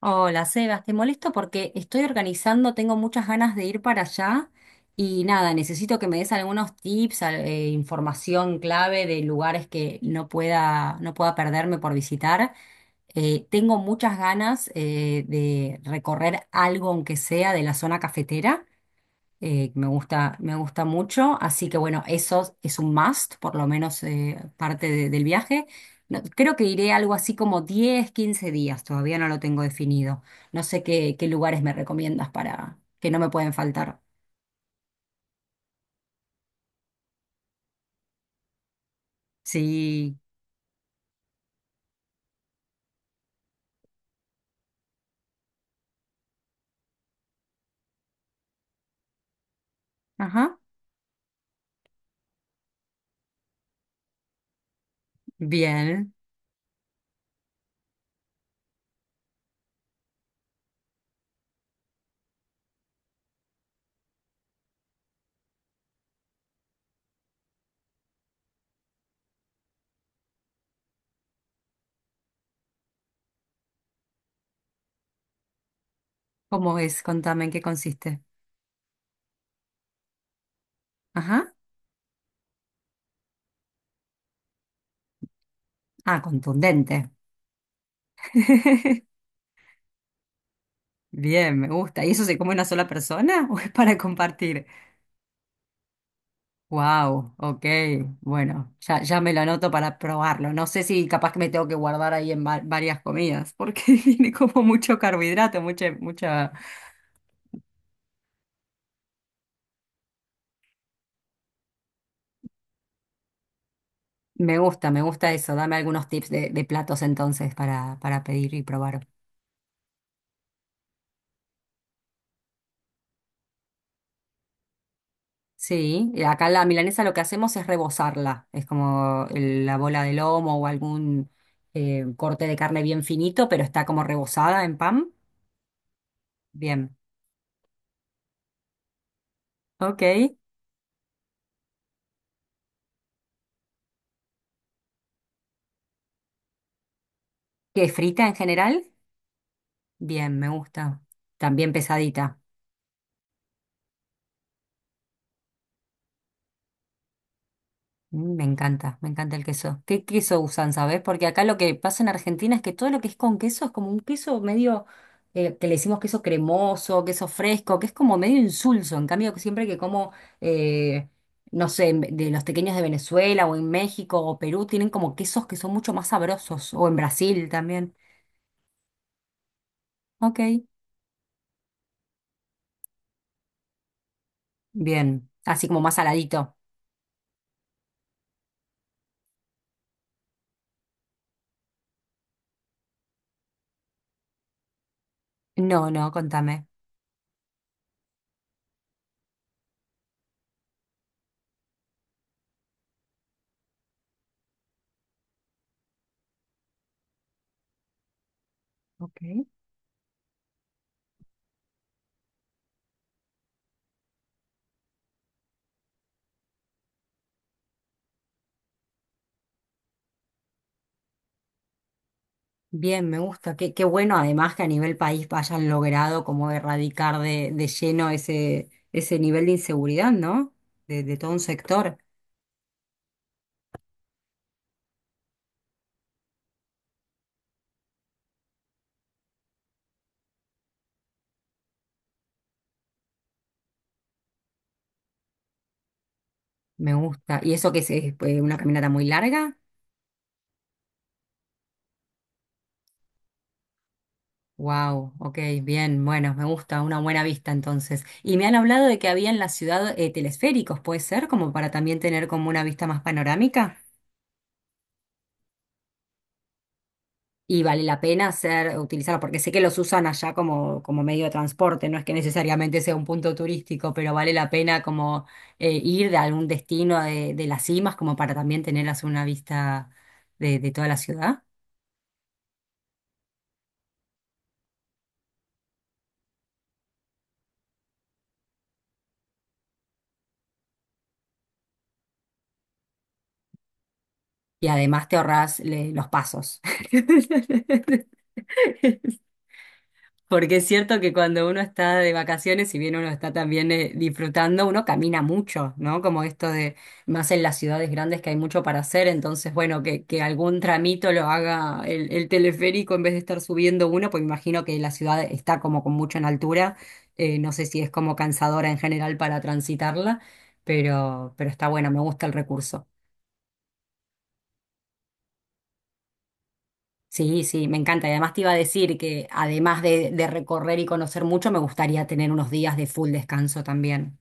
Hola, Sebas, te molesto porque estoy organizando, tengo muchas ganas de ir para allá y nada, necesito que me des algunos tips, información clave de lugares que no pueda perderme por visitar. Tengo muchas ganas de recorrer algo, aunque sea de la zona cafetera me gusta mucho, así que bueno, eso es un must, por lo menos del viaje. Creo que iré algo así como 10 15 días, todavía no lo tengo definido. No sé qué, qué lugares me recomiendas para que no me pueden faltar. Sí, ajá, bien. ¿Cómo es? Contame en qué consiste. Ajá, ah, contundente. Bien, me gusta. ¿Y eso se come una sola persona o es para compartir? Wow, ok. Bueno, ya me lo anoto para probarlo. No sé si capaz que me tengo que guardar ahí en varias comidas, porque tiene como mucho carbohidrato, mucha. Me gusta eso. Dame algunos tips de platos entonces para pedir y probar. Sí, y acá la milanesa lo que hacemos es rebozarla. Es como la bola de lomo o algún corte de carne bien finito, pero está como rebozada en pan. Bien. Ok. ¿Qué frita en general? Bien, me gusta. También pesadita. Mm, me encanta, me encanta el queso. ¿Qué queso usan, sabes? Porque acá lo que pasa en Argentina es que todo lo que es con queso es como un queso medio, que le decimos queso cremoso, queso fresco, que es como medio insulso. En cambio, siempre que como, eh, no sé, de los pequeños de Venezuela o en México o Perú, tienen como quesos que son mucho más sabrosos. O en Brasil también. Ok, bien. Así como más saladito. No, no, contame. Ok. Bien, me gusta. Qué bueno además que a nivel país hayan logrado como erradicar de lleno ese nivel de inseguridad, ¿no? De todo un sector. Me gusta. ¿Y eso que es, una caminata muy larga? Wow, ok, bien, bueno, me gusta, una buena vista entonces. Y me han hablado de que había en la ciudad telesféricos, ¿puede ser? Como para también tener como una vista más panorámica. Y vale la pena hacer, utilizarlos porque sé que los usan allá como, como medio de transporte, no es que necesariamente sea un punto turístico, pero vale la pena como ir de algún destino de las cimas como para también tener así una vista de toda la ciudad. Y además te ahorras los pasos. Porque es cierto que cuando uno está de vacaciones, si bien uno está también disfrutando, uno camina mucho, ¿no? Como esto de, más en las ciudades grandes que hay mucho para hacer, entonces, bueno, que algún tramito lo haga el teleférico en vez de estar subiendo uno, pues imagino que la ciudad está como con mucho en altura, no sé si es como cansadora en general para transitarla, pero está bueno, me gusta el recurso. Sí, sí, me encanta. Y además te iba a decir que además de recorrer y conocer mucho, me gustaría tener unos días de full descanso también.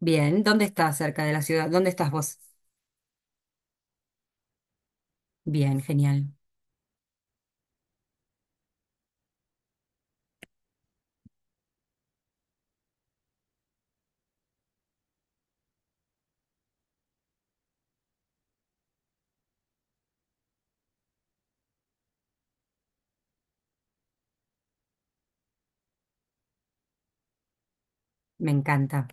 Bien, ¿dónde estás cerca de la ciudad? ¿Dónde estás vos? Bien, genial. Me encanta.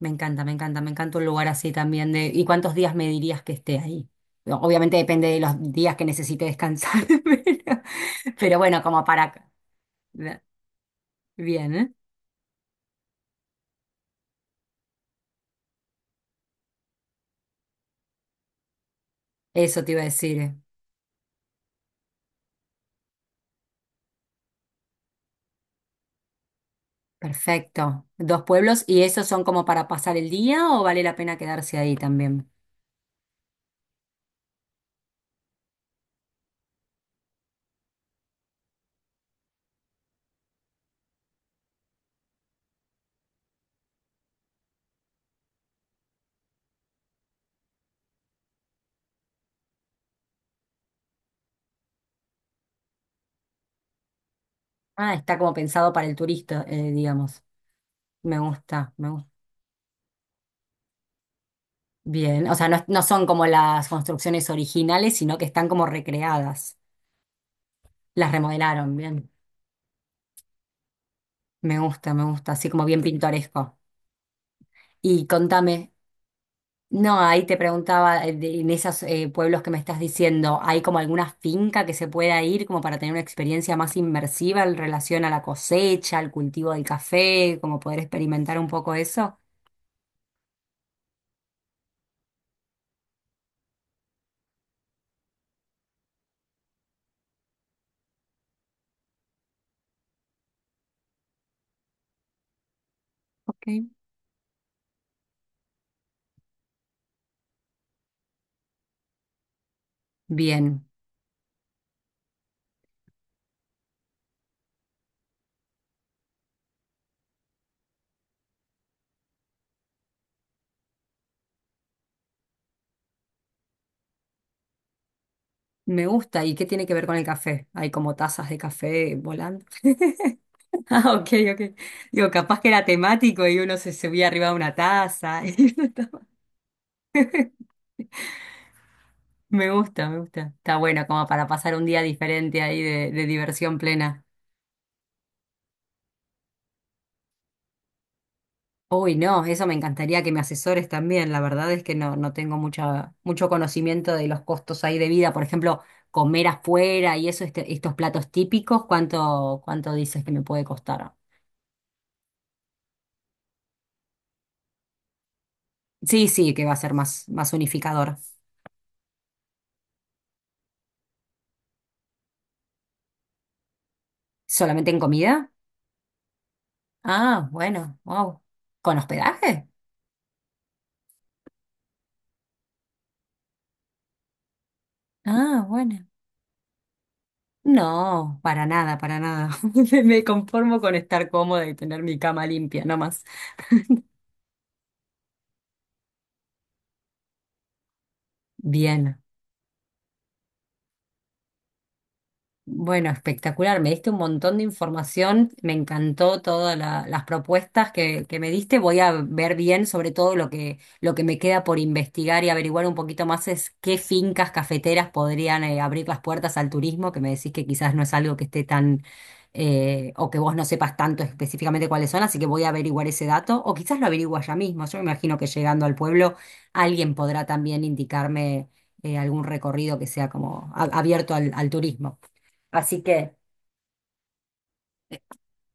Me encanta, me encanta, me encanta un lugar así también de. ¿Y cuántos días me dirías que esté ahí? No, obviamente depende de los días que necesite descansar, pero, pero bueno, como para. Bien, ¿eh? Eso te iba a decir. Perfecto. Dos pueblos, ¿y esos son como para pasar el día o vale la pena quedarse ahí también? Ah, está como pensado para el turista, digamos. Me gusta, me gusta. Bien, o sea, no, no son como las construcciones originales, sino que están como recreadas. Las remodelaron, bien. Me gusta, así como bien pintoresco. Y contame, no, ahí te preguntaba, en esos pueblos que me estás diciendo, ¿hay como alguna finca que se pueda ir como para tener una experiencia más inmersiva en relación a la cosecha, al cultivo del café, como poder experimentar un poco eso? Ok. Bien, me gusta. ¿Y qué tiene que ver con el café? ¿Hay como tazas de café volando? Ah, ok, ok. Digo, capaz que era temático y uno se subía arriba de una taza. Me gusta, me gusta. Está bueno como para pasar un día diferente ahí de diversión plena. Uy, no, eso me encantaría que me asesores también. La verdad es que no, no tengo mucha, mucho conocimiento de los costos ahí de vida. Por ejemplo, comer afuera y eso, estos platos típicos, ¿cuánto dices que me puede costar? Sí, sí, que va a ser más unificador. ¿Solamente en comida? Ah, bueno, wow. ¿Con hospedaje? Ah, bueno. No, para nada, para nada. Me conformo con estar cómoda y tener mi cama limpia, no más. Bien. Bueno, espectacular. Me diste un montón de información. Me encantó todas las propuestas que me diste. Voy a ver bien, sobre todo lo que me queda por investigar y averiguar un poquito más es qué fincas cafeteras podrían abrir las puertas al turismo, que me decís que quizás no es algo que esté tan o que vos no sepas tanto específicamente cuáles son, así que voy a averiguar ese dato, o quizás lo averigua ya mismo. Yo me imagino que llegando al pueblo alguien podrá también indicarme algún recorrido que sea como abierto al turismo. Así que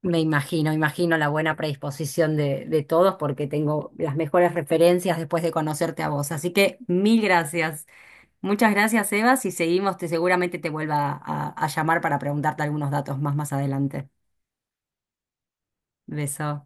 me imagino, imagino la buena predisposición de todos porque tengo las mejores referencias después de conocerte a vos. Así que mil gracias. Muchas gracias, Eva. Si seguimos, te seguramente te vuelva a llamar para preguntarte algunos datos más más adelante. Beso.